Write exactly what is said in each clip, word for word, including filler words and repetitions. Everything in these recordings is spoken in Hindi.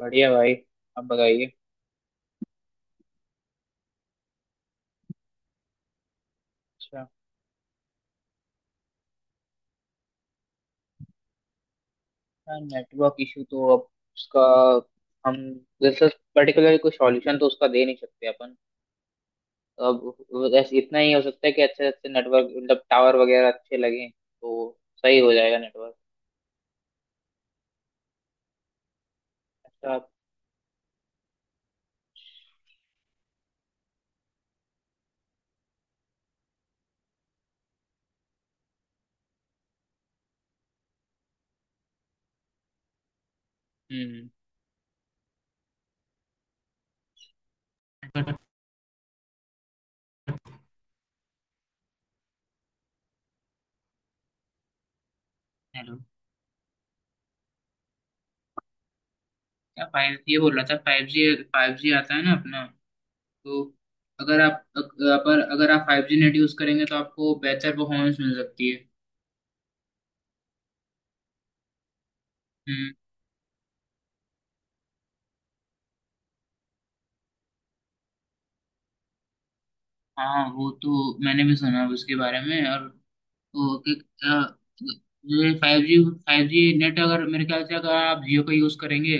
बढ़िया भाई। आप बताइए। अच्छा। यार, नेटवर्क इशू तो अब, उसका, हम, जैसे, पर्टिकुलर कोई सॉल्यूशन तो उसका दे नहीं सकते अपन। अब बस इतना ही हो सकता है कि अच्छे अच्छे नेटवर्क मतलब टावर वगैरह अच्छे लगे तो सही हो जाएगा नेटवर्क। अच्छा आप- हम्म। हेलो। क्या फाइव, ये बोल रहा था फाइव जी, फाइव जी आता है ना अपना। तो अगर आप, अगर अगर आप फाइव जी नेट यूज करेंगे तो आपको बेहतर परफॉर्मेंस मिल सकती है। हम्म। हाँ वो तो मैंने भी सुना उसके बारे में। और वो कि अ, ये five G, five G net अगर मेरे ख्याल से अगर आप जियो का यूज़ करेंगे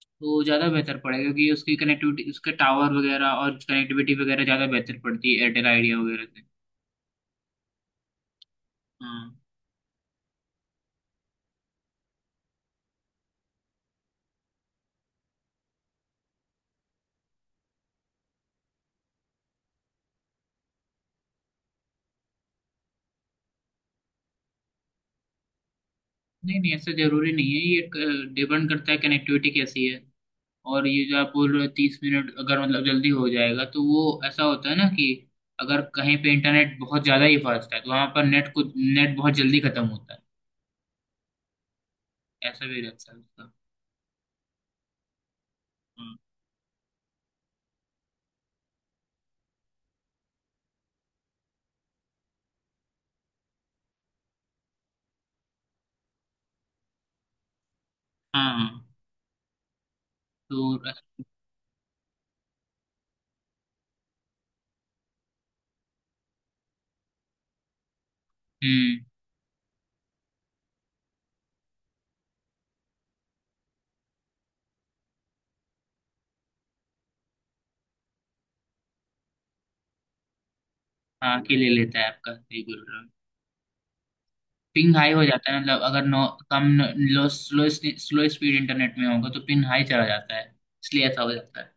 तो ज़्यादा बेहतर पड़ेगा क्योंकि उसकी कनेक्टिविटी, उसके टावर वगैरह और कनेक्टिविटी वगैरह ज़्यादा बेहतर पड़ती है एयरटेल आइडिया वगैरह से। हाँ। नहीं नहीं, ऐसा ज़रूरी नहीं है। ये डिपेंड करता है कनेक्टिविटी कैसी है। और ये जो आप बोल रहे हो तीस मिनट, अगर मतलब जल्दी हो जाएगा, तो वो ऐसा होता है ना कि अगर कहीं पे इंटरनेट बहुत ज़्यादा ही फास्ट है तो वहाँ पर नेट को, नेट बहुत जल्दी खत्म होता है। ऐसा भी रहता है उसका। हम्म, हाँ तो हम्म। हाँ के ले लेता है आपका, सही बोल रहे हो। पिंग हाई हो जाता है, मतलब अगर नो, कम, low, slow slow speed internet में होगा तो पिंग हाई चला जाता है। इसलिए ऐसा हो जाता है।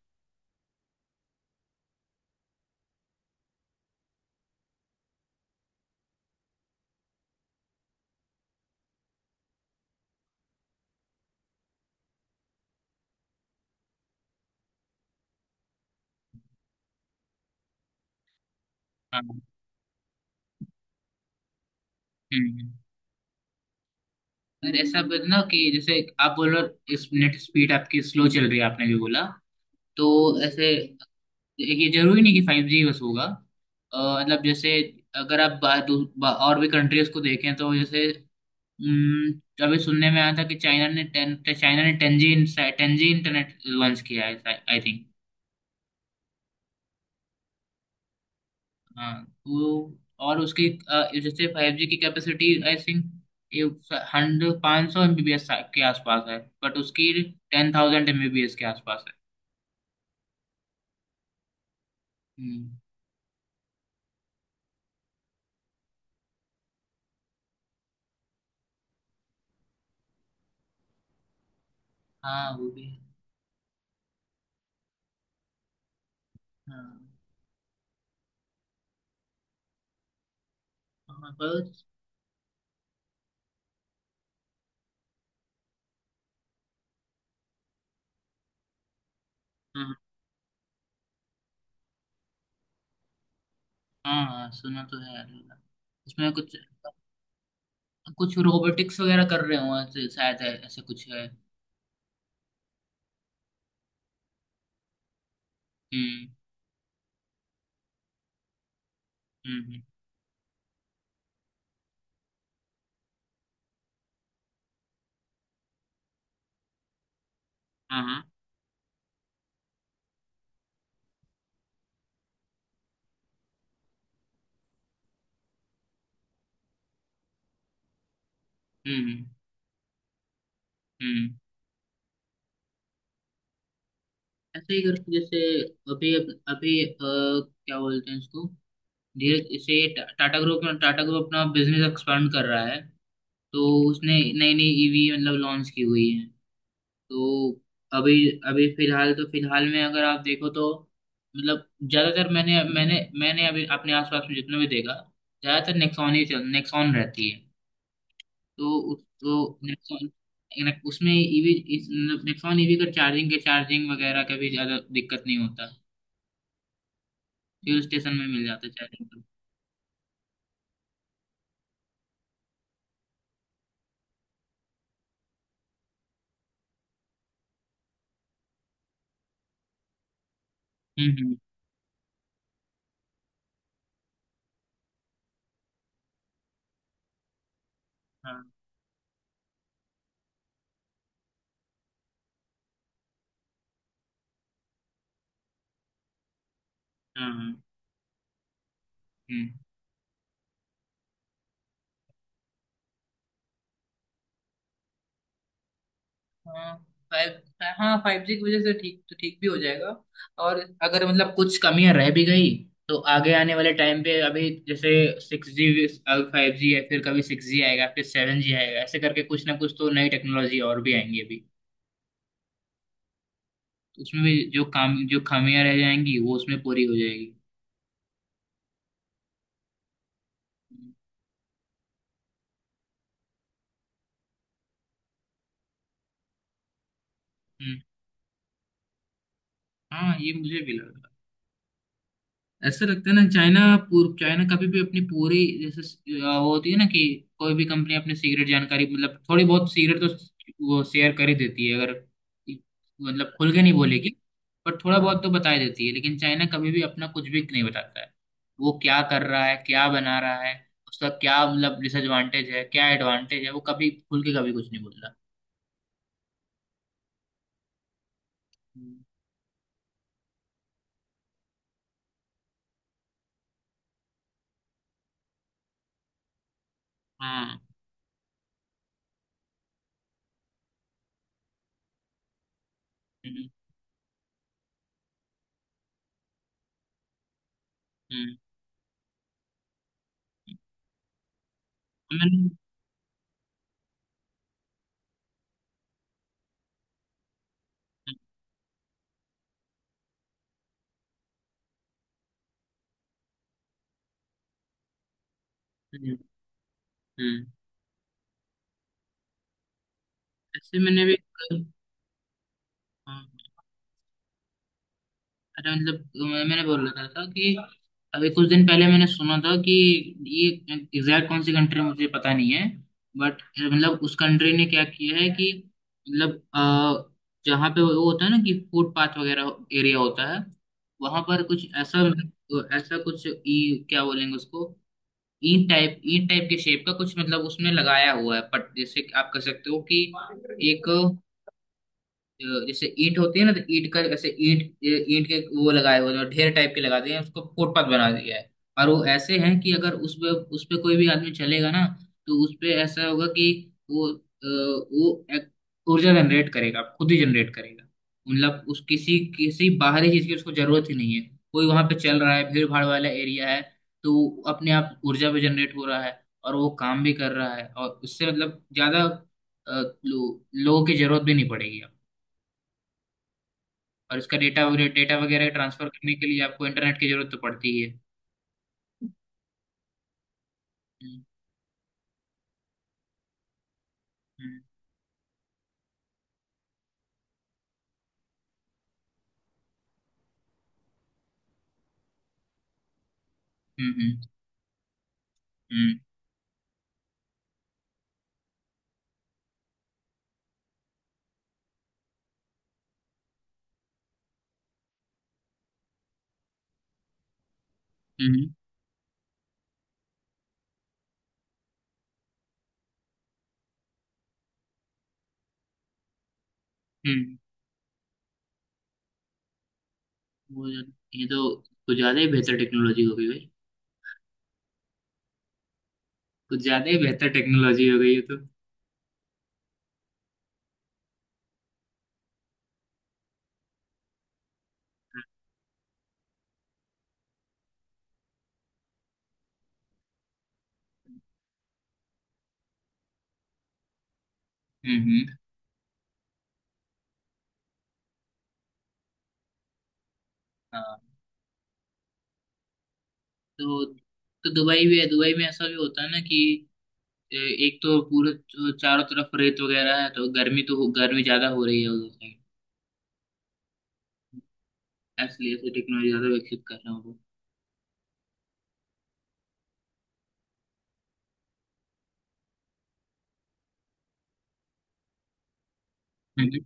हाँ। हम्म। और ऐसा बना कि जैसे आप बोल रहे हो, इस नेट स्पीड आपकी स्लो चल रही है, आपने भी बोला। तो ऐसे, ये जरूरी नहीं कि फाइव जी बस होगा। अ, मतलब जैसे, अगर आप बा, दू- बा, और भी कंट्रीज को देखें तो जैसे हम्म, अभी सुनने में आया था कि चाइना ने टेन चाइना ने टेंजी, टेंजी इंटरनेट लॉन्च किया है, आई थिंक। हाँ। वो, और उसकी अ, जैसे फाइव जी की कैपेसिटी आई थिंक ये हंड्रेड, पाँच सौ एमबीबीएस के आसपास है। बट उसकी टेन थाउजेंड एमबीबीएस के आसपास है। हम्म। हाँ वो भी है। हाँ। हाँ बस। हाँ हाँ, हाँ, सुना तो है यार। इसमें कुछ, कुछ रोबोटिक्स वगैरह कर रहे हो शायद, है ऐसा कुछ है। हम्म। हम्म। हम्म, हाँ। हम्म। हम्म। ऐसे ही करके जैसे अभी, अभी अ, क्या बोलते हैं इसको, धीरे जैसे टा- टाटा ग्रुप में, टाटा ग्रुप अपना बिजनेस एक्सपांड कर रहा है। तो उसने नई नई ईवी, मतलब, लॉन्च की हुई है। तो अभी, अभी फिलहाल तो, फिलहाल में अगर आप देखो तो मतलब ज्यादातर, मैंने मैंने मैंने अभी अपने आसपास में जितना भी देखा, ज्यादातर नेक्सॉन ही चल, नेक्सॉन रहती है। तो उस, तो नेक्सॉन, नेक- उसमें ईवी इस, नेक्सॉन ईवी का चार्जिंग के, चार्जिंग वगैरह का भी ज्यादा दिक्कत नहीं होता। फ्यूल स्टेशन में मिल जाता है चार्जिंग तो। हम्म। हम्म, हाँ। हाँ, हाँ। हम्म, हाँ फाइव, हाँ फाइव जी की वजह से ठीक, तो ठीक भी हो जाएगा। और अगर मतलब कुछ कमियां रह भी गई तो आगे आने वाले टाइम पे, अभी जैसे सिक्स जी, अब फाइव जी है, फिर कभी सिक्स जी आएगा, फिर सेवन जी आएगा, ऐसे करके कुछ ना कुछ तो नई टेक्नोलॉजी और भी आएंगी अभी। उसमें भी जो काम, जो खामियां रह जाएंगी, वो उसमें पूरी हो जाएगी। हम्म। हाँ, ये मुझे भी लगा। ऐसा लगता है ना चाइना, पूर्व चाइना कभी भी अपनी पूरी जैसे अ, वो होती है ना कि कोई भी कंपनी अपनी सीक्रेट जानकारी, मतलब थोड़ी बहुत सीक्रेट तो वो शेयर कर ही देती है। अगर मतलब खुल के नहीं बोलेगी, पर थोड़ा बहुत तो बता ही देती है। लेकिन चाइना कभी भी अपना कुछ भी नहीं बताता है, वो क्या कर रहा है, क्या बना रहा है, उसका क्या मतलब डिसएडवांटेज है, क्या एडवांटेज है। वो कभी खुल के, कभी कुछ नहीं बोलता। हम्म। हाँ। हम्म, हम्म। मैंने। हम्म, हम्म। ऐसे मैंने भी। हाँ। अरे मतलब मैं- मैंने बोल रहा था कि अभी कुछ दिन पहले मैंने सुना था कि ये एग्जैक्ट कौन सी कंट्री है, मुझे पता नहीं है। बट मतलब उस कंट्री ने क्या किया है कि, मतलब अ, जहाँ पे वो होता है ना कि फुटपाथ वगैरह एरिया होता है, वहां पर कुछ ऐसा, ऐसा कुछ, ई क्या बोलेंगे उसको, ईंट टाइप, ईंट टाइप के शेप का कुछ, मतलब उसमें लगाया हुआ है, पट जैसे कि आप कह सकते हो कि एक, जो जैसे ईंट होती है ना, तो ईंट का ऐसे ईंट, ईंट के वो लगाए हुए जो ढेर टाइप के लगाते हैं, उसको फुटपाथ बना दिया है। और वो ऐसे हैं कि अगर उस पे, उस पे कोई भी आदमी चलेगा ना, तो उस पे ऐसा होगा कि वो, अ, वो एक ऊर्जा जनरेट करेगा, खुद ही जनरेट करेगा। मतलब उस, किसी किसी बाहरी चीज की उसको जरूरत ही नहीं है। कोई वहां पे चल रहा है, भीड़ भाड़ वाला एरिया है, तो वो अपने आप ऊर्जा भी जनरेट हो रहा है, और वो काम भी कर रहा है, और उससे मतलब ज्यादा अ, लो, लोगों की जरूरत भी नहीं पड़ेगी। और इसका डेटा वगैरह, डेटा वगैरह ट्रांसफर करने के लिए आपको इंटरनेट की जरूरत तो पड़ती ही है। हम्म। हम्म। हम्म। हम्म। हम्म, हम्म, वो ये तो कुछ ज्यादा ही बेहतर टेक्नोलॉजी हो गई भाई। कुछ ज्यादा ही बेहतर टेक्नोलॉजी हो गई है तो। हम्म। हम्म, हाँ। तो तो दुबई भी है, दुबई में ऐसा भी होता है ना कि ए, एक तो पूरे च- चारों तरफ रेत वगैरह है तो गर्मी तो हो- गर्मी ज्यादा हो रही है उधर साइड। इसलिए ऐसे टेक्नोलॉजी ज्यादा विकसित कर रहे हैं वो। हम्म।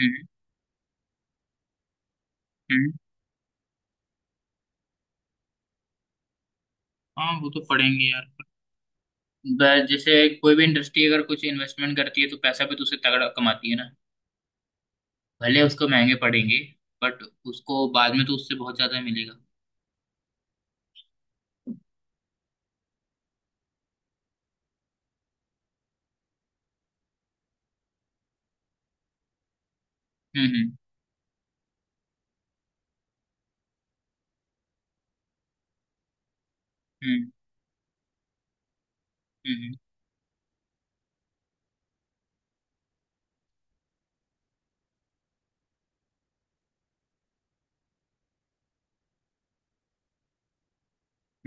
हम्म, हम्म। हाँ, वो तो पड़ेंगे यार। ब- जैसे कोई भी इंडस्ट्री अगर कुछ इन्वेस्टमेंट करती है तो पैसा भी तो उसे तगड़ा कमाती है ना। भले उसको महंगे पड़ेंगे, बट उसको बाद में तो उससे बहुत ज्यादा मिलेगा। हम्म। हम्म। हम्म। हम्म।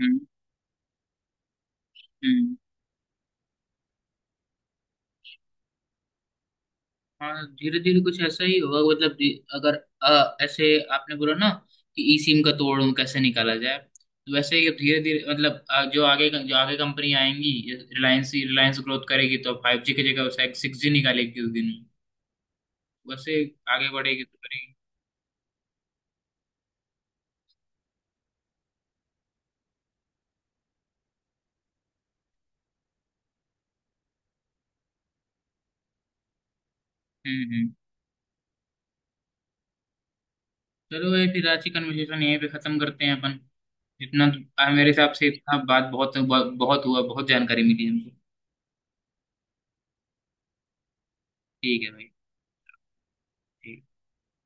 हम्म। हम्म। हाँ, धीरे धीरे कुछ ऐसा ही होगा मतलब धी- अगर अ, ऐसे आपने बोला ना कि ई सिम का तोड़ कैसे निकाला जाए, तो वैसे ही धीरे धीरे मतलब अ, जो आगे जो आगे कंपनी आएंगी, रिलायंस, रिलायंस ग्रोथ करेगी तो फाइव जी की जगह सिक्स जी निकालेगी उस दिन में। वैसे, आगे बढ़ेगी तो करेगी। हम्म। हम्म। चलो, ये फिर आज की कन्वर्सेशन यहीं पे खत्म करते हैं अपन। इतना आ, मेरे हिसाब से इतना बात बहुत, बहुत हुआ। बहुत जानकारी मिली हमको। ठीक है भाई। ठीक